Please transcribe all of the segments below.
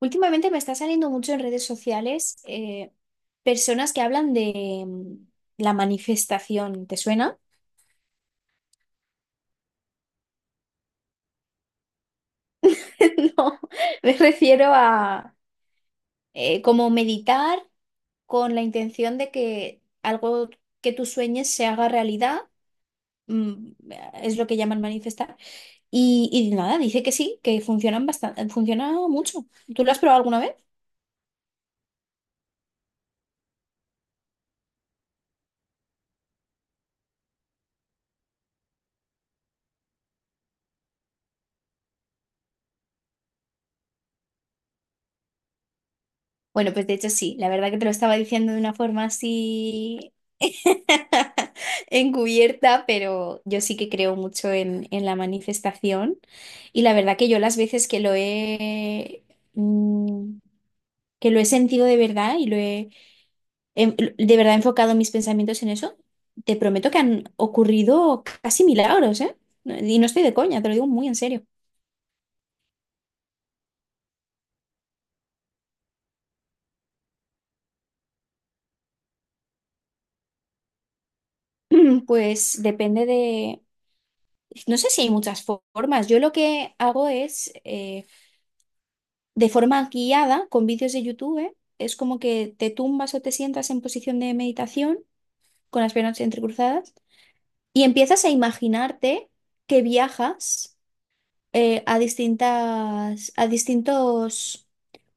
Últimamente me está saliendo mucho en redes sociales personas que hablan de la manifestación. ¿Te suena? No, me refiero a como meditar con la intención de que algo que tú sueñes se haga realidad. mm, Es lo que llaman manifestar. Y nada, dice que sí, que funcionan bastante, funciona mucho. ¿Tú lo has probado alguna vez? Bueno, pues de hecho sí, la verdad que te lo estaba diciendo de una forma así encubierta, pero yo sí que creo mucho en la manifestación, y la verdad que yo las veces que lo he mm, que lo he sentido de verdad y lo he de verdad he enfocado mis pensamientos en eso, te prometo que han ocurrido casi milagros, ¿eh? Y no estoy de coña, te lo digo muy en serio. Pues depende de... No sé si hay muchas formas. Yo lo que hago es de forma guiada con vídeos de YouTube. Es como que te tumbas o te sientas en posición de meditación con las piernas entrecruzadas y empiezas a imaginarte que viajas a a distintos,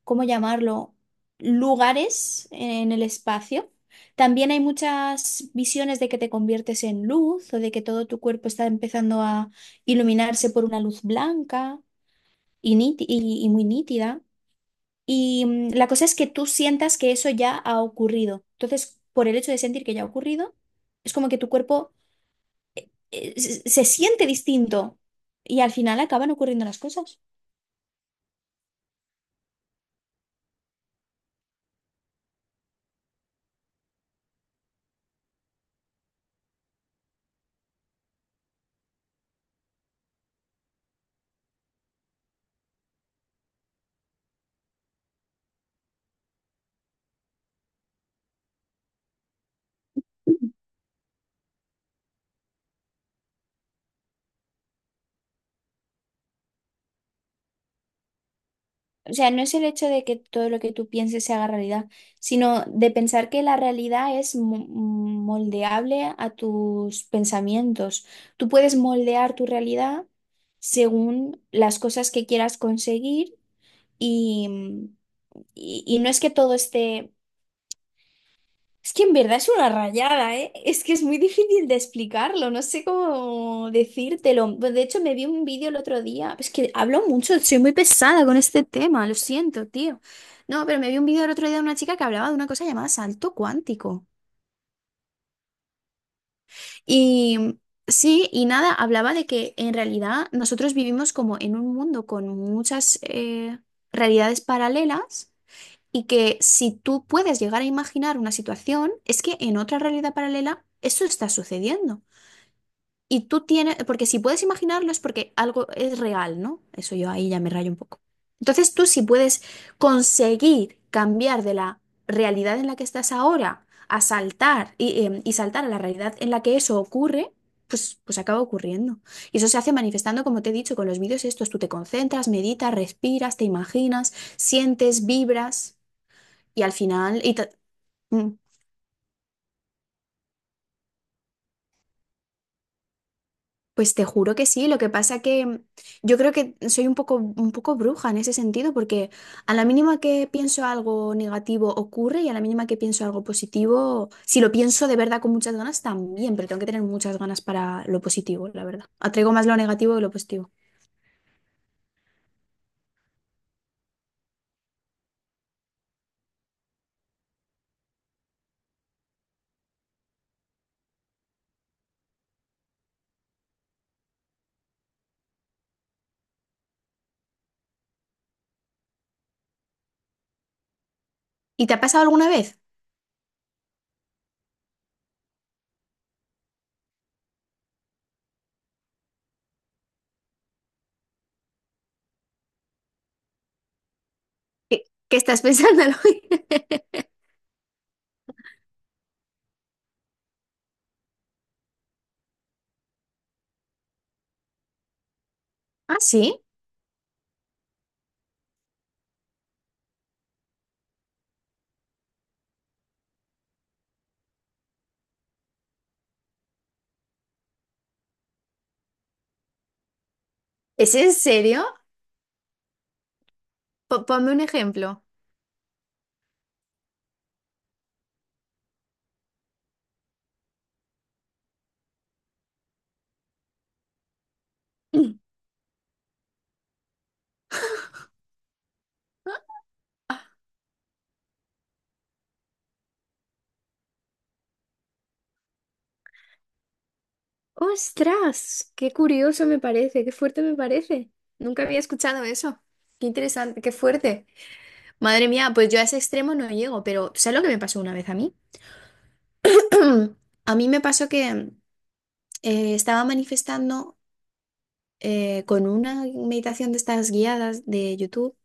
¿cómo llamarlo?, lugares en el espacio. También hay muchas visiones de que te conviertes en luz o de que todo tu cuerpo está empezando a iluminarse por una luz blanca y, y muy nítida. Y la cosa es que tú sientas que eso ya ha ocurrido. Entonces, por el hecho de sentir que ya ha ocurrido, es como que tu cuerpo se siente distinto y al final acaban ocurriendo las cosas. O sea, no es el hecho de que todo lo que tú pienses se haga realidad, sino de pensar que la realidad es moldeable a tus pensamientos. Tú puedes moldear tu realidad según las cosas que quieras conseguir y, mm, y no es que todo esté. Es que en verdad es una rayada, ¿eh? Es que es muy difícil de explicarlo, no sé cómo decírtelo. Pues, de hecho, me vi un vídeo el otro día. Es que hablo mucho, soy muy pesada con este tema, lo siento, tío. No, pero me vi un vídeo el otro día de una chica que hablaba de una cosa llamada salto cuántico. Y sí, y nada, hablaba de que en realidad nosotros vivimos como en un mundo con muchas realidades paralelas. Y que si tú puedes llegar a imaginar una situación, es que en otra realidad paralela eso está sucediendo. Y tú tienes, porque si puedes imaginarlo es porque algo es real, ¿no? Eso yo ahí ya me rayo un poco. Entonces tú, si puedes conseguir cambiar de la realidad en la que estás ahora a saltar y saltar a la realidad en la que eso ocurre, pues, pues acaba ocurriendo. Y eso se hace manifestando, como te he dicho, con los vídeos estos. Tú te concentras, meditas, respiras, te imaginas, sientes, vibras. Y al final, mm, pues te juro que sí, lo que pasa que yo creo que soy un poco bruja en ese sentido, porque a la mínima que pienso algo negativo ocurre, y a la mínima que pienso algo positivo, si lo pienso de verdad con muchas ganas también, pero tengo que tener muchas ganas para lo positivo, la verdad. Atraigo más lo negativo que lo positivo. ¿Y te ha pasado alguna vez? ¿Qué, qué estás pensando? ¿Ah, sí? ¿Es en serio? Ponme un ejemplo. ¡Ostras! ¡Qué curioso me parece! ¡Qué fuerte me parece! Nunca había escuchado eso. ¡Qué interesante! ¡Qué fuerte! Madre mía, pues yo a ese extremo no llego, pero ¿sabes lo que me pasó una vez a mí? A mí me pasó que estaba manifestando con una meditación de estas guiadas de YouTube.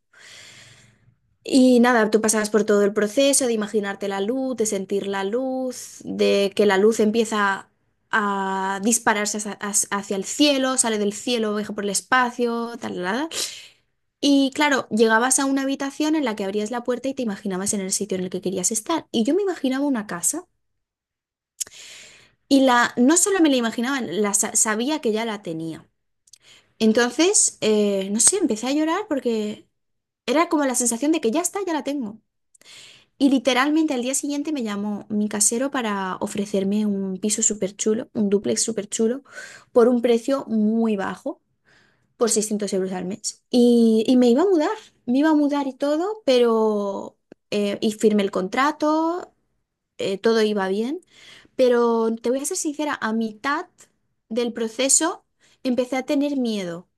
Y nada, tú pasabas por todo el proceso de imaginarte la luz, de sentir la luz, de que la luz empieza a dispararse hacia, hacia el cielo, sale del cielo, viaja por el espacio, tal, tal, tal. Y claro, llegabas a una habitación en la que abrías la puerta y te imaginabas en el sitio en el que querías estar. Y yo me imaginaba una casa y la, no solo me la imaginaba, la, sabía que ya la tenía. Entonces, no sé, empecé a llorar porque era como la sensación de que ya está, ya la tengo. Y literalmente al día siguiente me llamó mi casero para ofrecerme un piso súper chulo, un dúplex súper chulo, por un precio muy bajo, por 600 € al mes. Y me iba a mudar, me iba a mudar y todo, pero... y firmé el contrato, todo iba bien, pero te voy a ser sincera, a mitad del proceso empecé a tener miedo.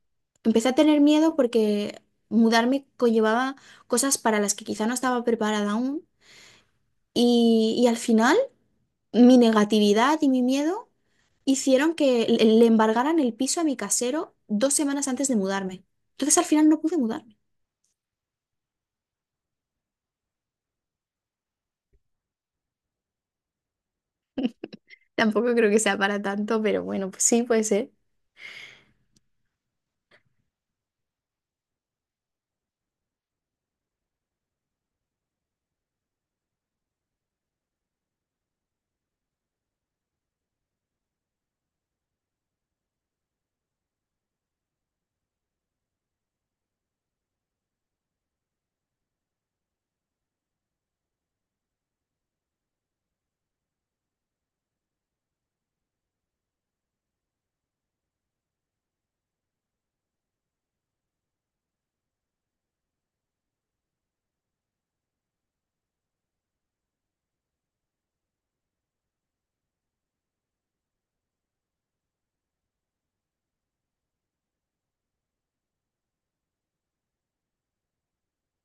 Empecé a tener miedo porque mudarme conllevaba cosas para las que quizá no estaba preparada aún y al final, mi negatividad y mi miedo hicieron que le embargaran el piso a mi casero dos semanas antes de mudarme. Entonces, al final no pude mudarme. Tampoco creo que sea para tanto, pero bueno, pues sí, puede ser.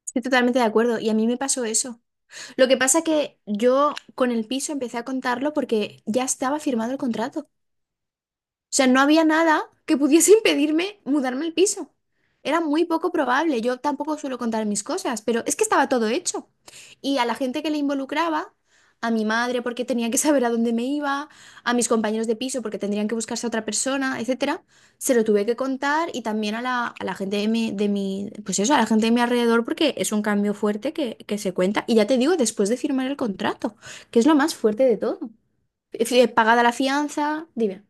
Estoy totalmente de acuerdo y a mí me pasó eso. Lo que pasa que yo con el piso empecé a contarlo porque ya estaba firmado el contrato. O sea, no había nada que pudiese impedirme mudarme al piso. Era muy poco probable. Yo tampoco suelo contar mis cosas, pero es que estaba todo hecho. Y a la gente que le involucraba, a mi madre porque tenía que saber a dónde me iba, a mis compañeros de piso porque tendrían que buscarse a otra persona, etcétera, se lo tuve que contar, y también a la gente de mi, pues eso, a la gente de mi alrededor, porque es un cambio fuerte que se cuenta. Y ya te digo, después de firmar el contrato, que es lo más fuerte de todo. Pagada la fianza, dime.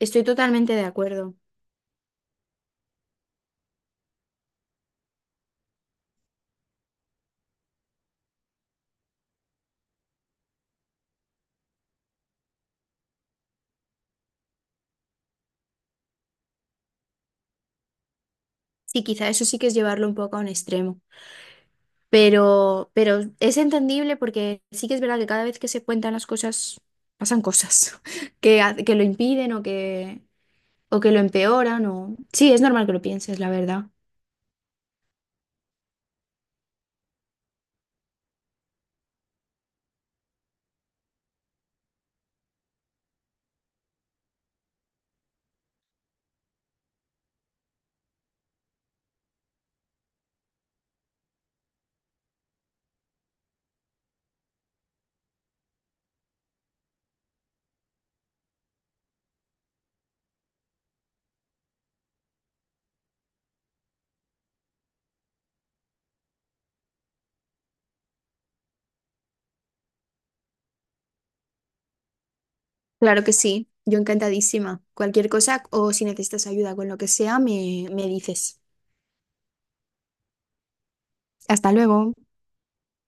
Estoy totalmente de acuerdo. Sí, quizá eso sí que es llevarlo un poco a un extremo, pero es entendible porque sí que es verdad que cada vez que se cuentan las cosas, pasan cosas que, que lo impiden o que lo empeoran. O... sí, es normal que lo pienses, la verdad. Claro que sí, yo encantadísima. Cualquier cosa o si necesitas ayuda con lo que sea, me dices. Hasta luego.